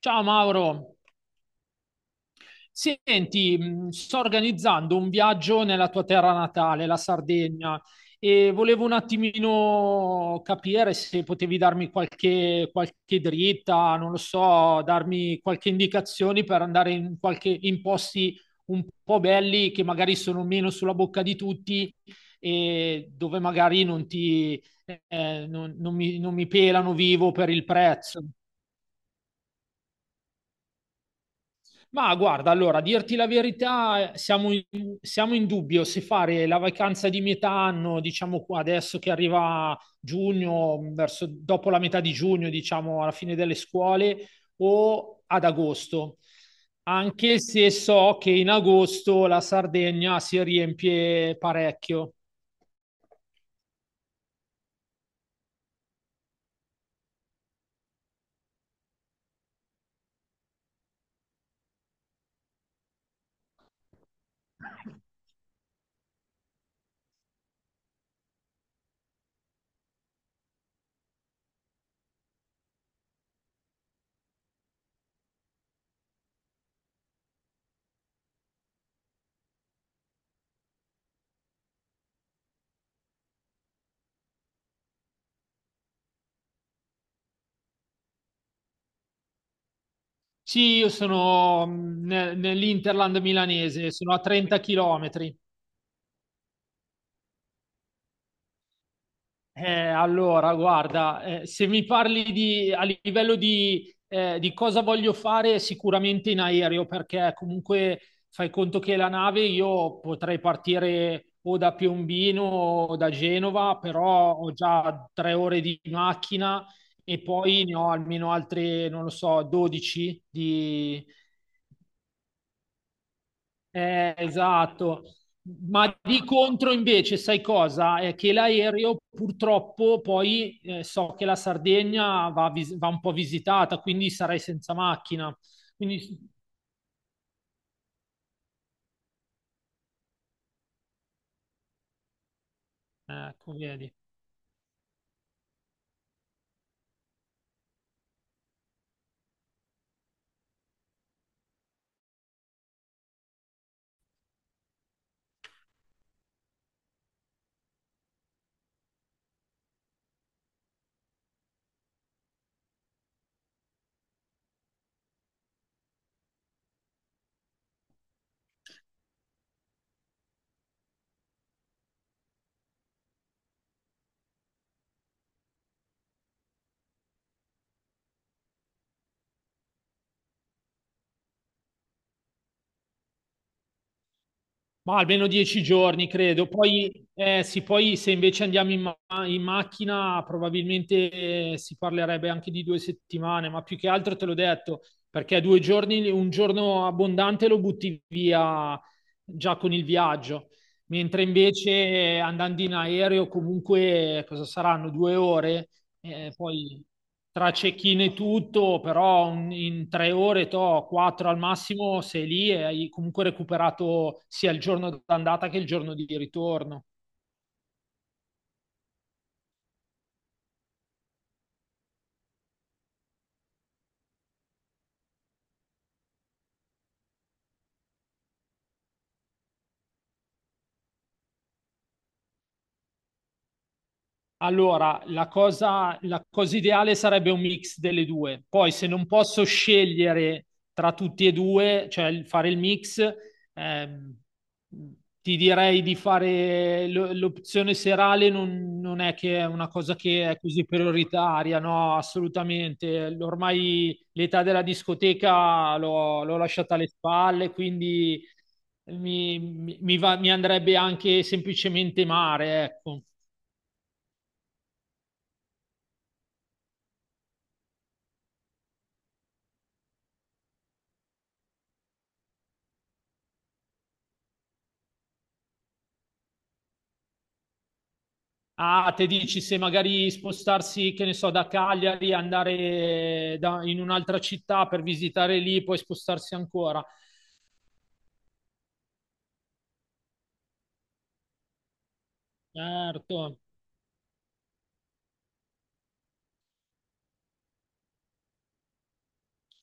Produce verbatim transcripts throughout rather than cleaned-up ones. Ciao Mauro, senti, mh, sto organizzando un viaggio nella tua terra natale, la Sardegna, e volevo un attimino capire se potevi darmi qualche, qualche dritta, non lo so, darmi qualche indicazione per andare in, qualche, in posti un po' belli che magari sono meno sulla bocca di tutti e dove magari non ti, eh, non non mi non mi pelano vivo per il prezzo. Ma guarda, allora, a dirti la verità, siamo in, siamo in dubbio se fare la vacanza di metà anno, diciamo qua adesso che arriva giugno, verso, dopo la metà di giugno, diciamo alla fine delle scuole, o ad agosto. Anche se so che in agosto la Sardegna si riempie parecchio. Sì, io sono mh, ne- nell'Interland milanese, sono a trenta chilometri. Eh, allora, guarda, eh, se mi parli di, a livello di, eh, di cosa voglio fare, sicuramente in aereo, perché comunque fai conto che la nave io potrei partire o da Piombino o da Genova, però ho già tre ore di macchina e poi ne ho almeno altre, non lo so, dodici di. Eh, esatto. Ma di contro invece, sai cosa? È che l'aereo purtroppo poi eh, so che la Sardegna va, vis- va un po' visitata, quindi sarei senza macchina. Quindi, ecco, vedi. Ma almeno dieci giorni, credo. Poi, eh, sì, poi se invece andiamo in, ma- in macchina, probabilmente eh, si parlerebbe anche di due settimane, ma più che altro te l'ho detto, perché due giorni, un giorno abbondante lo butti via già con il viaggio, mentre invece eh, andando in aereo comunque eh, cosa saranno due ore? Eh, poi tra cecchine e tutto, però un- in tre ore, to, quattro al massimo, sei lì e hai comunque recuperato sia il giorno d'andata che il giorno di ritorno. Allora, la cosa, la cosa ideale sarebbe un mix delle due. Poi, se non posso scegliere tra tutti e due, cioè il- fare il mix, ehm, ti direi di fare l- l'opzione serale, non, non è che è una cosa che è così prioritaria, no, assolutamente. Ormai l'età della discoteca l'ho l'ho lasciata alle spalle, quindi mi, mi- mi va- mi andrebbe anche semplicemente mare, ecco. Ah, te dici se magari spostarsi, che ne so, da Cagliari, andare da- in un'altra città per visitare lì, poi spostarsi ancora. Certo.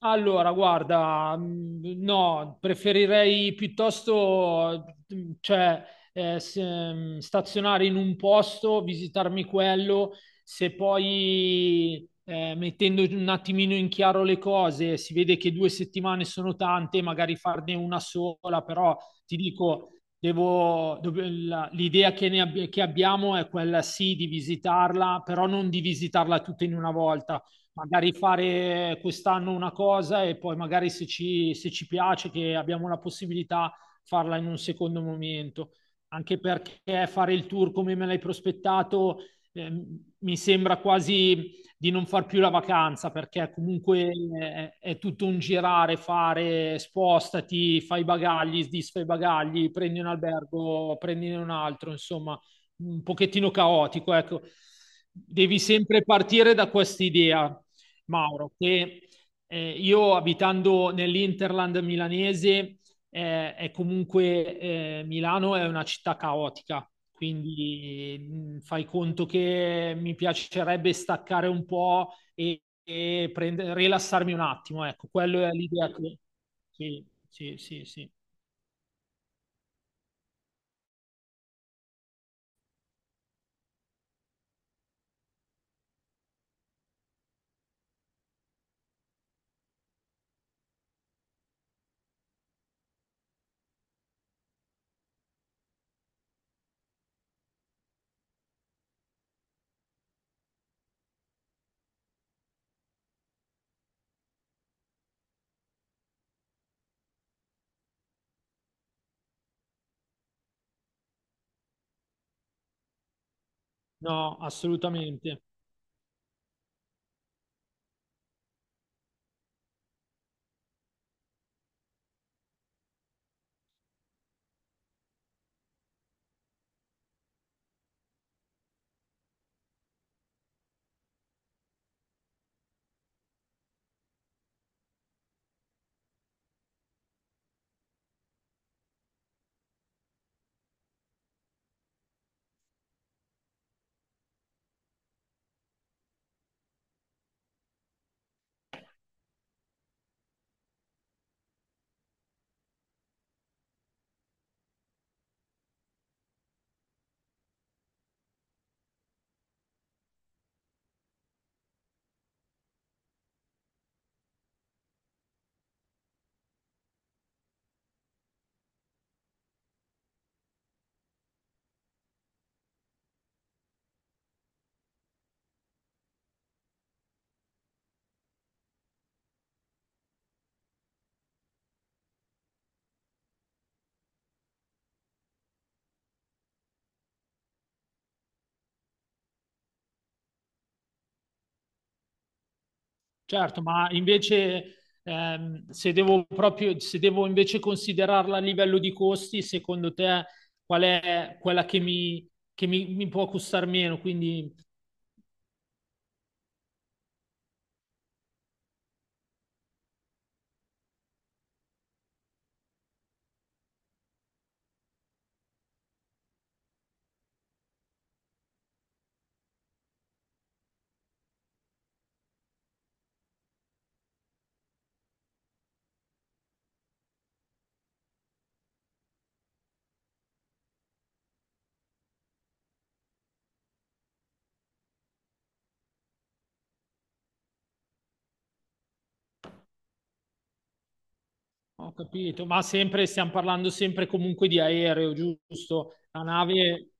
Allora, guarda, mh, no, preferirei piuttosto, mh, cioè, eh, s- ehm, stazionare in un posto, visitarmi quello, se poi, eh, mettendo un attimino in chiaro le cose, si vede che due settimane sono tante, magari farne una sola, però ti dico, devo, dov- la- l'idea che, ne abbi- che abbiamo è quella sì di visitarla, però non di visitarla tutta in una volta magari fare quest'anno una cosa e poi magari se ci, se ci piace che abbiamo la possibilità farla in un secondo momento. Anche perché fare il tour come me l'hai prospettato eh, mi sembra quasi di non far più la vacanza perché comunque è, è tutto un girare, fare, spostati, fai i bagagli, disfai i bagagli, prendi un albergo, prendine un altro, insomma, un pochettino caotico, ecco. Devi sempre partire da questa idea Mauro, che eh, io abitando nell'Interland milanese, eh, è comunque eh, Milano è una città caotica, quindi mh, fai conto che mi piacerebbe staccare un po' e, e prende- rilassarmi un attimo, ecco, quello è l'idea che... Sì, sì, sì, sì. No, assolutamente. Certo, ma invece ehm, se devo proprio, se devo invece considerarla a livello di costi, secondo te qual è quella che mi, che mi- mi può costare meno? Quindi ho capito, ma sempre stiamo parlando sempre comunque di aereo, giusto? La nave,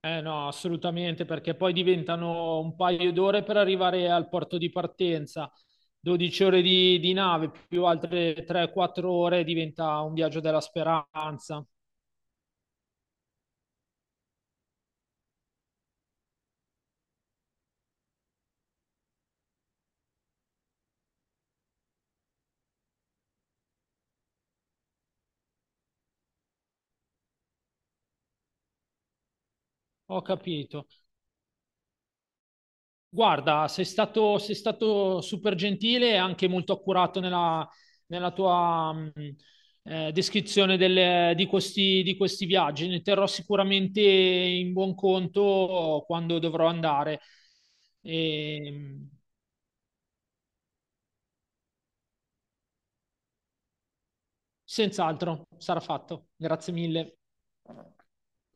eh no, assolutamente, perché poi diventano un paio d'ore per arrivare al porto di partenza. dodici ore di, di nave più altre tre quattro ore diventa un viaggio della speranza. Ho capito. Guarda, sei stato, sei stato super gentile e anche molto accurato nella, nella tua mh, eh, descrizione delle- di questi, di questi viaggi. Ne terrò sicuramente in buon conto quando dovrò andare. E, mh, senz'altro sarà fatto. Grazie mille.